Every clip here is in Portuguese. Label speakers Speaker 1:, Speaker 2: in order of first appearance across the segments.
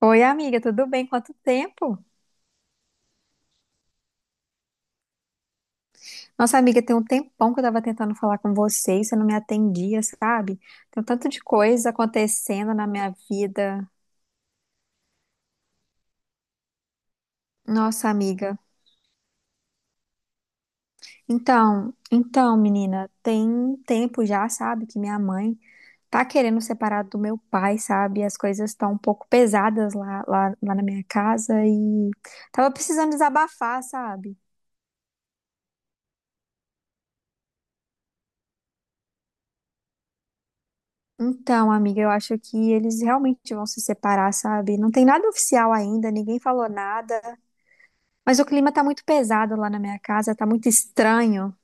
Speaker 1: Oi, amiga, tudo bem? Quanto tempo? Nossa, amiga, tem um tempão que eu tava tentando falar com você e você não me atendia, sabe? Tem um tanto de coisa acontecendo na minha vida. Nossa, amiga. Menina, tem um tempo já, sabe, que minha mãe tá querendo separar do meu pai, sabe? As coisas estão um pouco pesadas lá na minha casa e tava precisando desabafar, sabe? Então, amiga, eu acho que eles realmente vão se separar, sabe? Não tem nada oficial ainda, ninguém falou nada, mas o clima tá muito pesado lá na minha casa, tá muito estranho.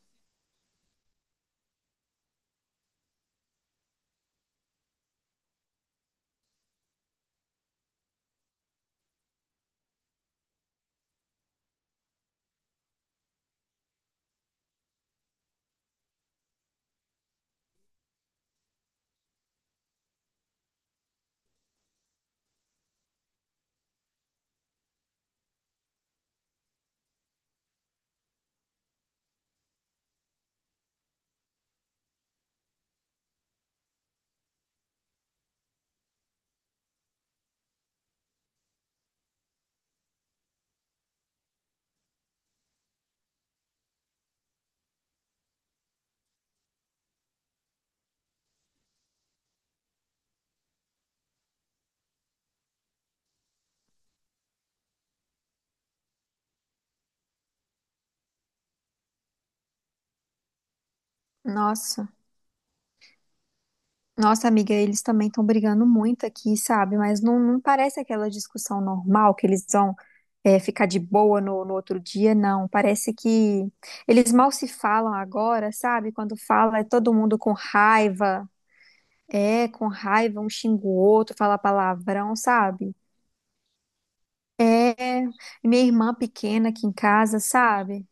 Speaker 1: Nossa, nossa, amiga, eles também estão brigando muito aqui, sabe? Mas não parece aquela discussão normal que eles vão é, ficar de boa no outro dia, não. Parece que eles mal se falam agora, sabe? Quando fala, é todo mundo com raiva. É, com raiva, um xinga o outro, fala palavrão, sabe? É, minha irmã pequena aqui em casa, sabe?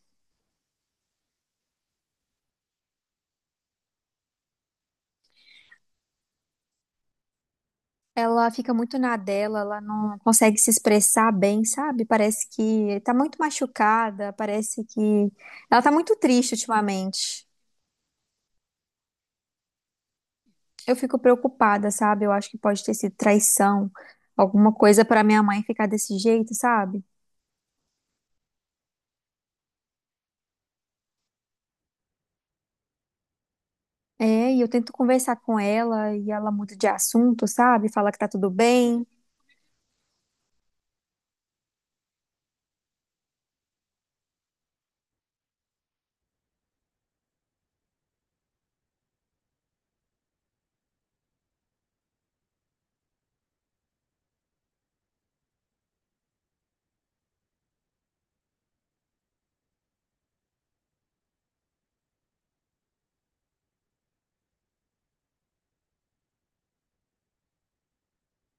Speaker 1: Ela fica muito na dela, ela não consegue se expressar bem, sabe? Parece que tá muito machucada, parece que ela tá muito triste ultimamente. Eu fico preocupada, sabe? Eu acho que pode ter sido traição, alguma coisa pra minha mãe ficar desse jeito, sabe? É, e eu tento conversar com ela e ela muda de assunto, sabe? Fala que tá tudo bem.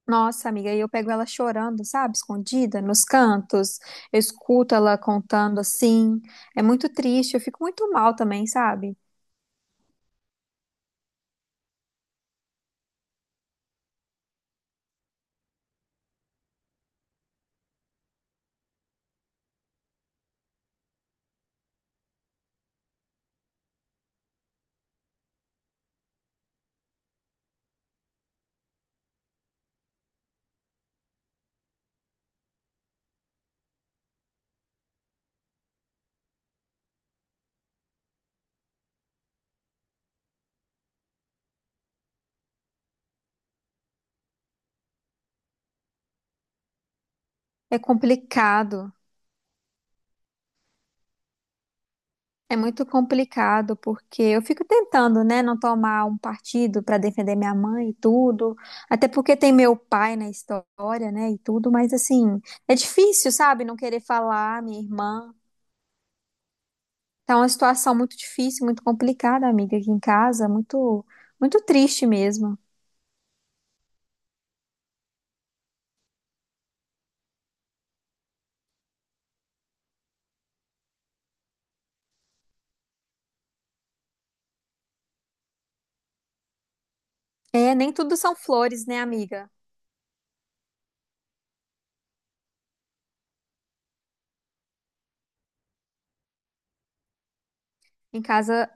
Speaker 1: Nossa, amiga, e eu pego ela chorando, sabe, escondida nos cantos. Eu escuto ela contando assim. É muito triste, eu fico muito mal também, sabe? É complicado. É muito complicado porque eu fico tentando, né, não tomar um partido para defender minha mãe e tudo, até porque tem meu pai na história, né, e tudo, mas assim, é difícil, sabe, não querer falar, minha irmã. Tá uma situação muito difícil, muito complicada, amiga, aqui em casa, muito triste mesmo. É, nem tudo são flores, né, amiga? Em casa,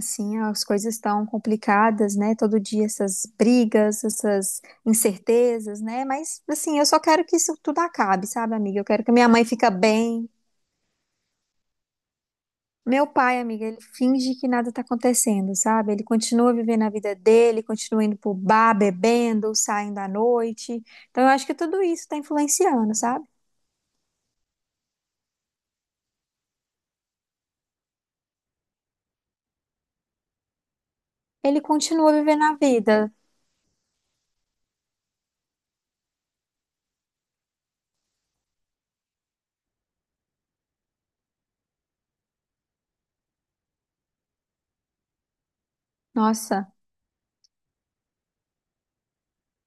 Speaker 1: sim, as coisas estão complicadas, né? Todo dia essas brigas, essas incertezas, né? Mas, assim, eu só quero que isso tudo acabe, sabe, amiga? Eu quero que minha mãe fique bem. Meu pai, amiga, ele finge que nada tá acontecendo, sabe? Ele continua vivendo a vida dele, continua indo pro bar, bebendo, saindo à noite. Então, eu acho que tudo isso tá influenciando, sabe? Ele continua vivendo a vida. Nossa.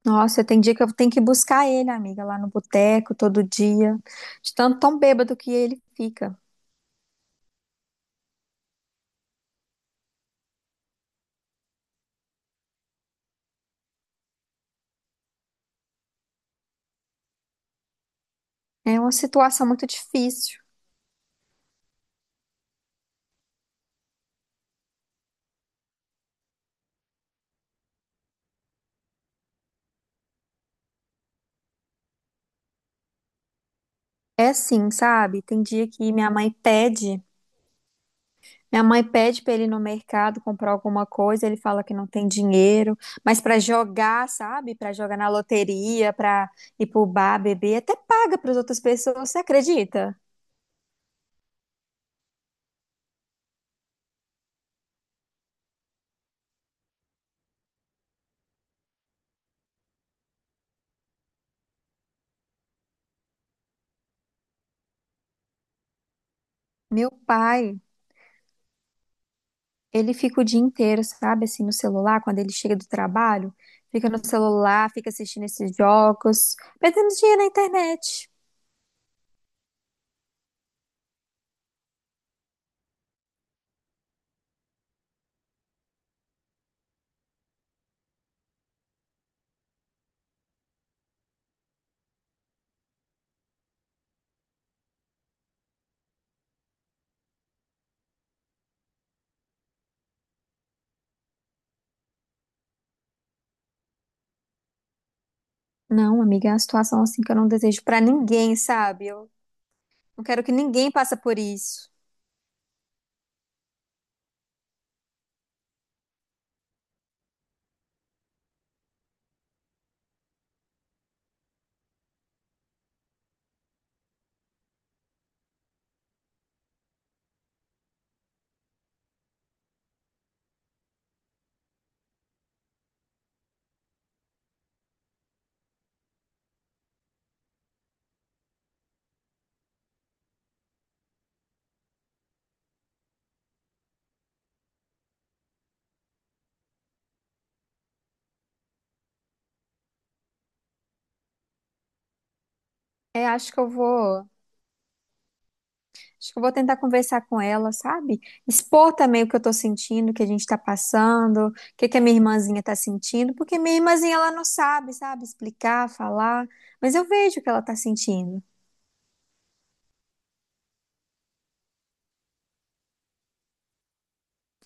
Speaker 1: Nossa, tem dia que eu tenho que buscar ele, amiga, lá no boteco todo dia, de tanto tão bêbado que ele fica. É uma situação muito difícil. É assim, sabe? Tem dia que minha mãe pede pra ele ir no mercado comprar alguma coisa, ele fala que não tem dinheiro, mas pra jogar, sabe? Pra jogar na loteria, pra ir pro bar beber, até paga pras outras pessoas, você acredita? Meu pai. Ele fica o dia inteiro, sabe, assim, no celular, quando ele chega do trabalho, fica no celular, fica assistindo esses jogos, perdendo dinheiro na internet. Não, amiga, é uma situação assim que eu não desejo pra ninguém, sabe? Eu não quero que ninguém passe por isso. É, acho que eu vou tentar conversar com ela, sabe? Expor também o que eu tô sentindo, o que a gente tá passando, o que que a minha irmãzinha tá sentindo, porque minha irmãzinha ela não sabe, sabe, explicar, falar, mas eu vejo o que ela tá sentindo.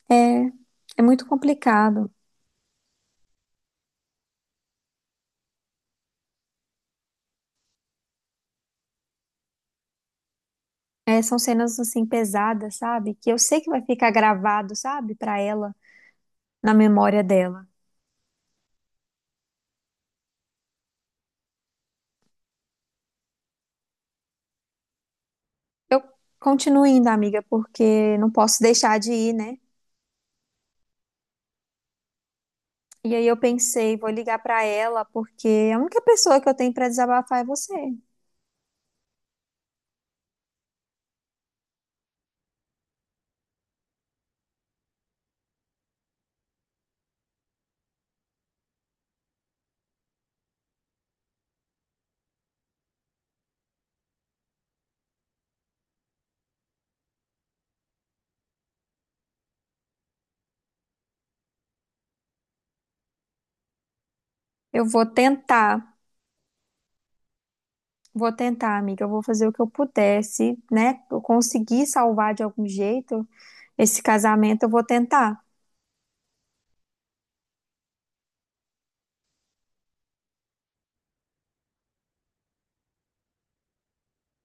Speaker 1: É é muito complicado. É, são cenas assim pesadas, sabe? Que eu sei que vai ficar gravado, sabe? Pra ela, na memória dela. Eu continuo indo, amiga, porque não posso deixar de ir, né? E aí eu pensei, vou ligar pra ela, porque a única pessoa que eu tenho pra desabafar é você. Eu vou tentar, vou tentar, amiga. Eu vou fazer o que eu puder, se, né? Eu conseguir salvar de algum jeito esse casamento, eu vou tentar.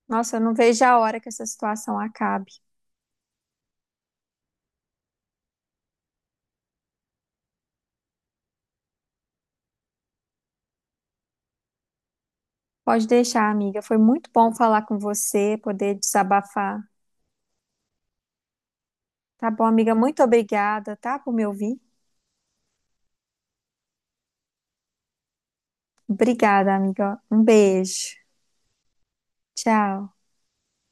Speaker 1: Nossa, eu não vejo a hora que essa situação acabe. Pode deixar, amiga. Foi muito bom falar com você, poder desabafar. Tá bom, amiga? Muito obrigada, tá, por me ouvir. Obrigada, amiga. Um beijo. Tchau.